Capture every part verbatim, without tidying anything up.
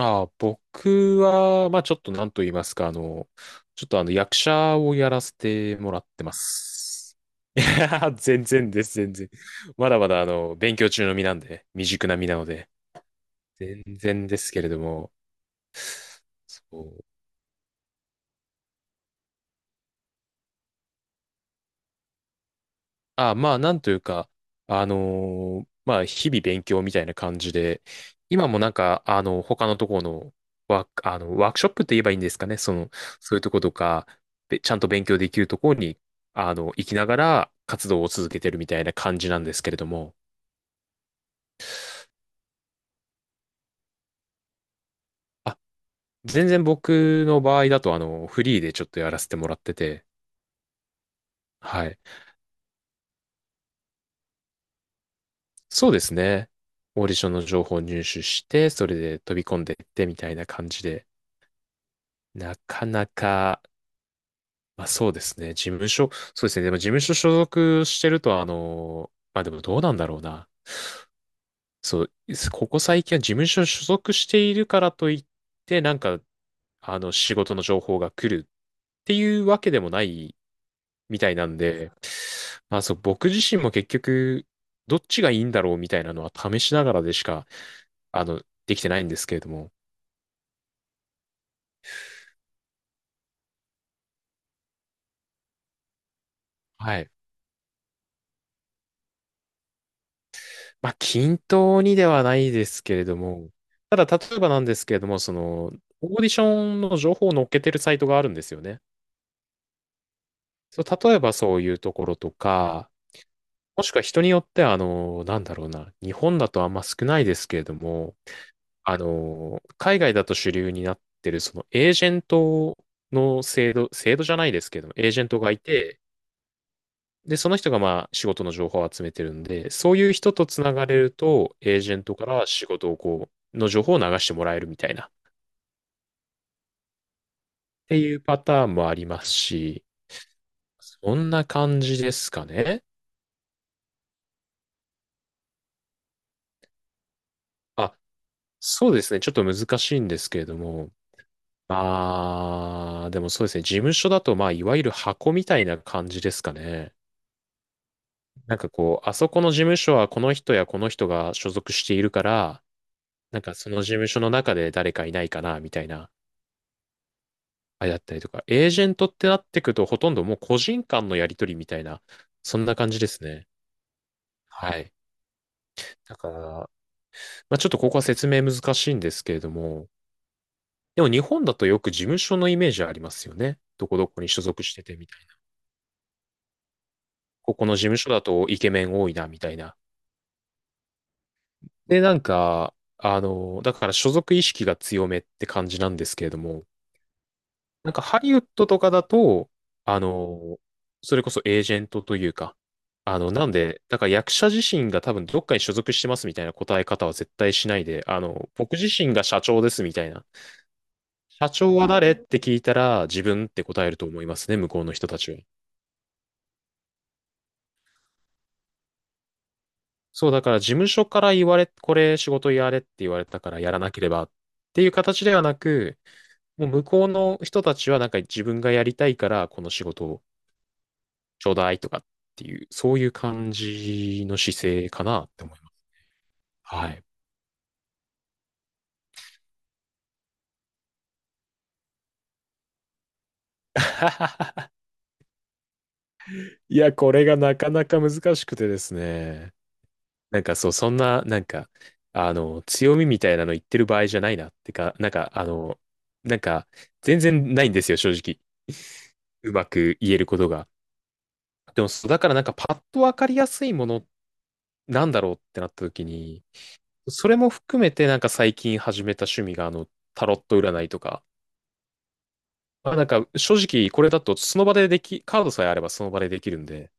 ああ、僕は、まあちょっとなんと言いますか、あの、ちょっとあの役者をやらせてもらってます。いや、全然です、全然。まだまだあの、勉強中の身なんで、未熟な身なので、全然ですけれども、そう。あ、まあ、なんというか、あのーまあ、日々勉強みたいな感じで、今もなんか、あの、他のところのワーク、あの、ワークショップって言えばいいんですかね、その、そういうところとか、べちゃんと勉強できるところに、あの、行きながら活動を続けてるみたいな感じなんですけれども、あ、全然僕の場合だと、あの、フリーでちょっとやらせてもらってて、はい。そうですね。オーディションの情報を入手して、それで飛び込んでいってみたいな感じで、なかなか、まあ、そうですね。事務所、そうですね。でも事務所所属してると、あの、まあでもどうなんだろうな。そう、ここ最近は事務所所属しているからといって、なんか、あの、仕事の情報が来るっていうわけでもないみたいなんで、まあそう、僕自身も結局、どっちがいいんだろうみたいなのは試しながらでしか、あの、できてないんですけれども。はい。まあ、均等にではないですけれども、ただ、例えばなんですけれども、その、オーディションの情報を載っけてるサイトがあるんですよね。そう、例えばそういうところとか、もしくは人によっては、あの、なんだろうな、日本だとあんま少ないですけれども、あの、海外だと主流になってる、その、エージェントの制度、制度じゃないですけども、エージェントがいて、で、その人がまあ仕事の情報を集めてるんで、そういう人とつながれると、エージェントから仕事をこう、の情報を流してもらえるみたいな、っていうパターンもありますし、そんな感じですかね。あ、そうですね。ちょっと難しいんですけれども、まあ、でもそうですね。事務所だと、まあ、いわゆる箱みたいな感じですかね。なんかこう、あそこの事務所はこの人やこの人が所属しているから、なんかその事務所の中で誰かいないかな、みたいな。あれだったりとか、エージェントってなってくと、ほとんどもう個人間のやり取りみたいな、そんな感じですね。ははい。い。だから、まあ、ちょっとここは説明難しいんですけれども、でも日本だとよく事務所のイメージありますよね。どこどこに所属しててみたいな。ここの事務所だとイケメン多いな、みたいな。で、なんか、あの、だから所属意識が強めって感じなんですけれども、なんかハリウッドとかだと、あの、それこそエージェントというか、あの、なんで、だから役者自身が多分どっかに所属してますみたいな答え方は絶対しないで、あの、僕自身が社長ですみたいな。社長は誰って聞いたら自分って答えると思いますね、向こうの人たちは。そう、だから事務所から言われ、これ仕事やれって言われたからやらなければっていう形ではなく、もう向こうの人たちはなんか自分がやりたいからこの仕事をちょうだいとかっていう、そういう感じの姿勢かなって思います。はい。いや、これがなかなか難しくてですね。なんかそう、そんな、なんか、あの、強みみたいなの言ってる場合じゃないなってか、なんか、あの、なんか、全然ないんですよ、正直。うまく言えることが。でも、そうだからなんか、パッとわかりやすいものなんだろうってなった時に、それも含めてなんか最近始めた趣味が、あの、タロット占いとか、まあなんか、正直これだと、その場ででき、カードさえあればその場でできるんで、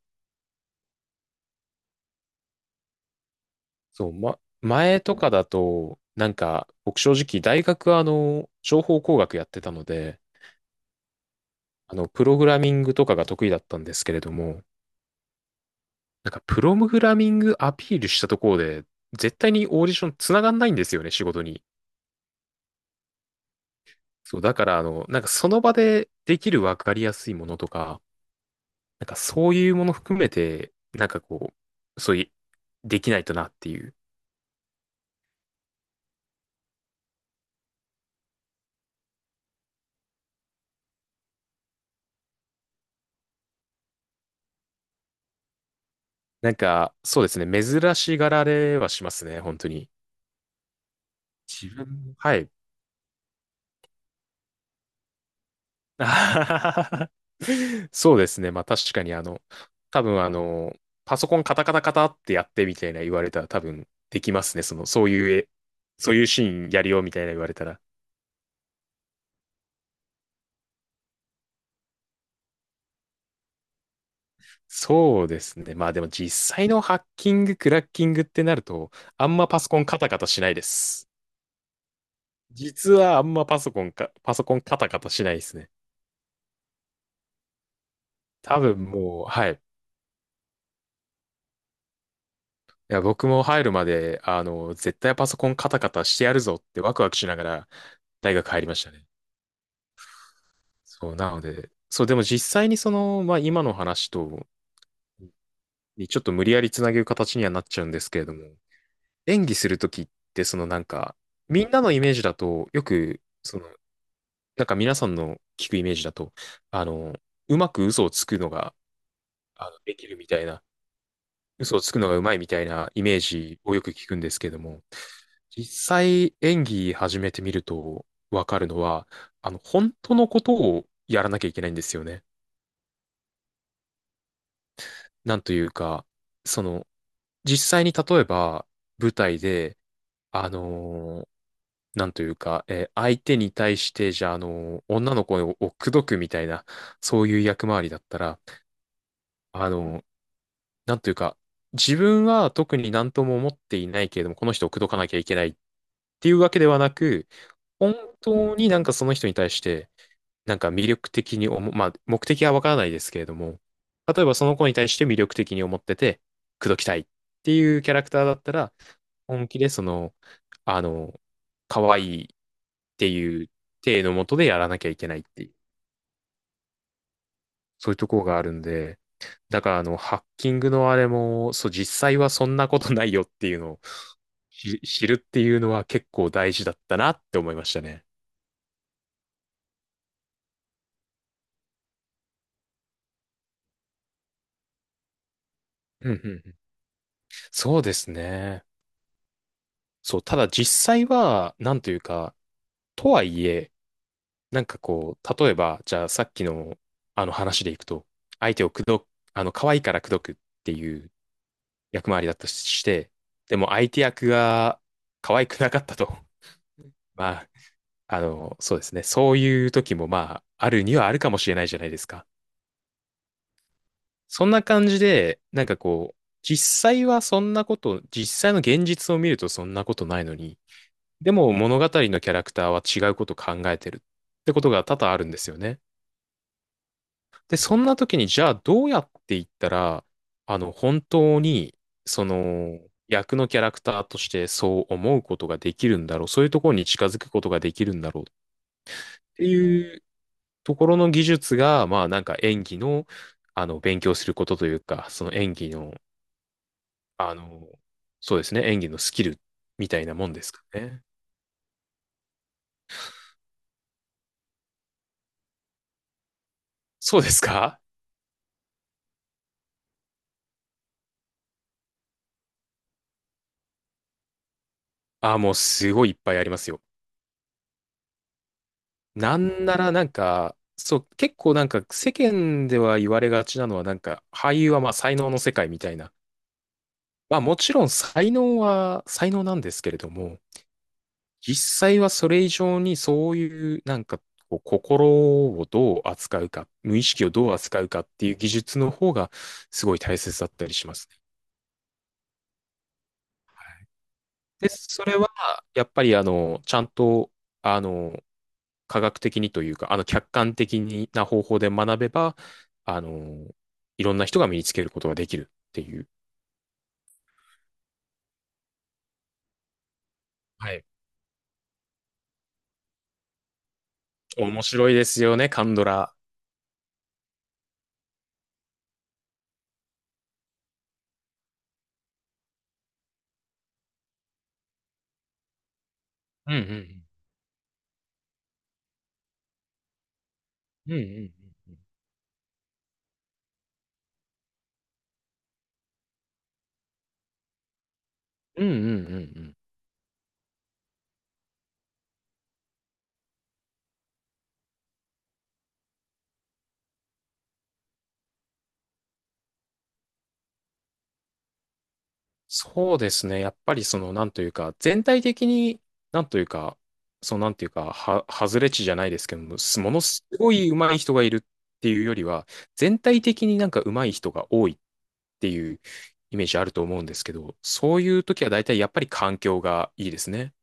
そう、ま、前とかだと、なんか、僕正直大学はあの、情報工学やってたので、あの、プログラミングとかが得意だったんですけれども、なんか、プログラミングアピールしたところで、絶対にオーディション繋がんないんですよね、仕事に。そう、だからあの、なんかその場でできるわかりやすいものとか、なんかそういうもの含めて、なんかこう、そういう、できないとなっていう。なんか、そうですね、珍しがられはしますね、本当に。自分も、はい、あはははそうですね。まあ確かにあの、多分あの、パソコンカタカタカタってやってみたいな言われたら多分できますね。その、そういうえ、そういうシーンやるよみたいな言われたら。そうですね。まあでも実際のハッキング、クラッキングってなると、あんまパソコンカタカタしないです。実はあんまパソコンか、パソコンカタカタしないですね。多分もう、はい。いや、僕も入るまで、あの、絶対パソコンカタカタしてやるぞってワクワクしながら大学入りましたね。そう、なので、そう、でも実際にその、まあ今の話と、にちょっと無理やりつなげる形にはなっちゃうんですけれども、演技するときって、そのなんか、みんなのイメージだと、よく、その、なんか皆さんの聞くイメージだと、あの、うまく嘘をつくのが、あの、できるみたいな、嘘をつくのがうまいみたいなイメージをよく聞くんですけれども、実際演技始めてみるとわかるのは、あの、本当のことをやらなきゃいけないんですよね。なんというか、その、実際に例えば、舞台で、あのーなんというか、えー相手に対して、じゃあ、あのー女の子をを口説くみたいな、そういう役回りだったら、あのーなんというか、自分は特に何とも思っていないけれども、この人を口説かなきゃいけないっていうわけではなく、本当になんかその人に対して、なんか魅力的に思う、まあ、目的はわからないですけれども、例えばその子に対して魅力的に思ってて、口説きたいっていうキャラクターだったら、本気でその、あの、可愛いっていう体のもとでやらなきゃいけないっていう、そういうところがあるんで、だからあの、ハッキングのあれも、そう、実際はそんなことないよっていうのを知知るっていうのは結構大事だったなって思いましたね。うんうんうん。そうですね。そう、ただ実際は、なんというか、とはいえ、なんかこう、例えば、じゃあさっきのあの話でいくと、相手を口説く、あの、可愛いから口説くっていう役回りだったとして、でも相手役が可愛くなかったと。まあ、あの、そうですね。そういう時もまあ、あるにはあるかもしれないじゃないですか。そんな感じで、なんかこう、実際はそんなこと、実際の現実を見るとそんなことないのに、でも物語のキャラクターは違うことを考えてるってことが多々あるんですよね。で、そんな時にじゃあどうやっていったら、あの、本当に、その、役のキャラクターとしてそう思うことができるんだろう。そういうところに近づくことができるんだろうっていうところの技術が、まあなんか演技の、あの、勉強することというか、その演技の、あの、そうですね、演技のスキルみたいなもんですかね。そうですかああ、もうすごいいっぱいありますよ。なんならなんか、そう、結構なんか世間では言われがちなのはなんか俳優はまあ才能の世界みたいな。まあもちろん才能は才能なんですけれども、実際はそれ以上にそういうなんかこう心をどう扱うか、無意識をどう扱うかっていう技術の方がすごい大切だったりします。で、それは、やっぱり、あの、ちゃんと、あの、科学的にというか、あの、客観的にな方法で学べば、あの、いろんな人が身につけることができるっていう。はい。面白いですよね、カンドラ。うんうんうん。うんうんうんうん。うんうんうんうん。そうですね。やっぱりその、なんというか、全体的に、なんというか、そうなんというか、は、外れ値じゃないですけども、すものすごい上手い人がいるっていうよりは、全体的になんか上手い人が多いっていうイメージあると思うんですけど、そういう時は大体やっぱり環境がいいですね。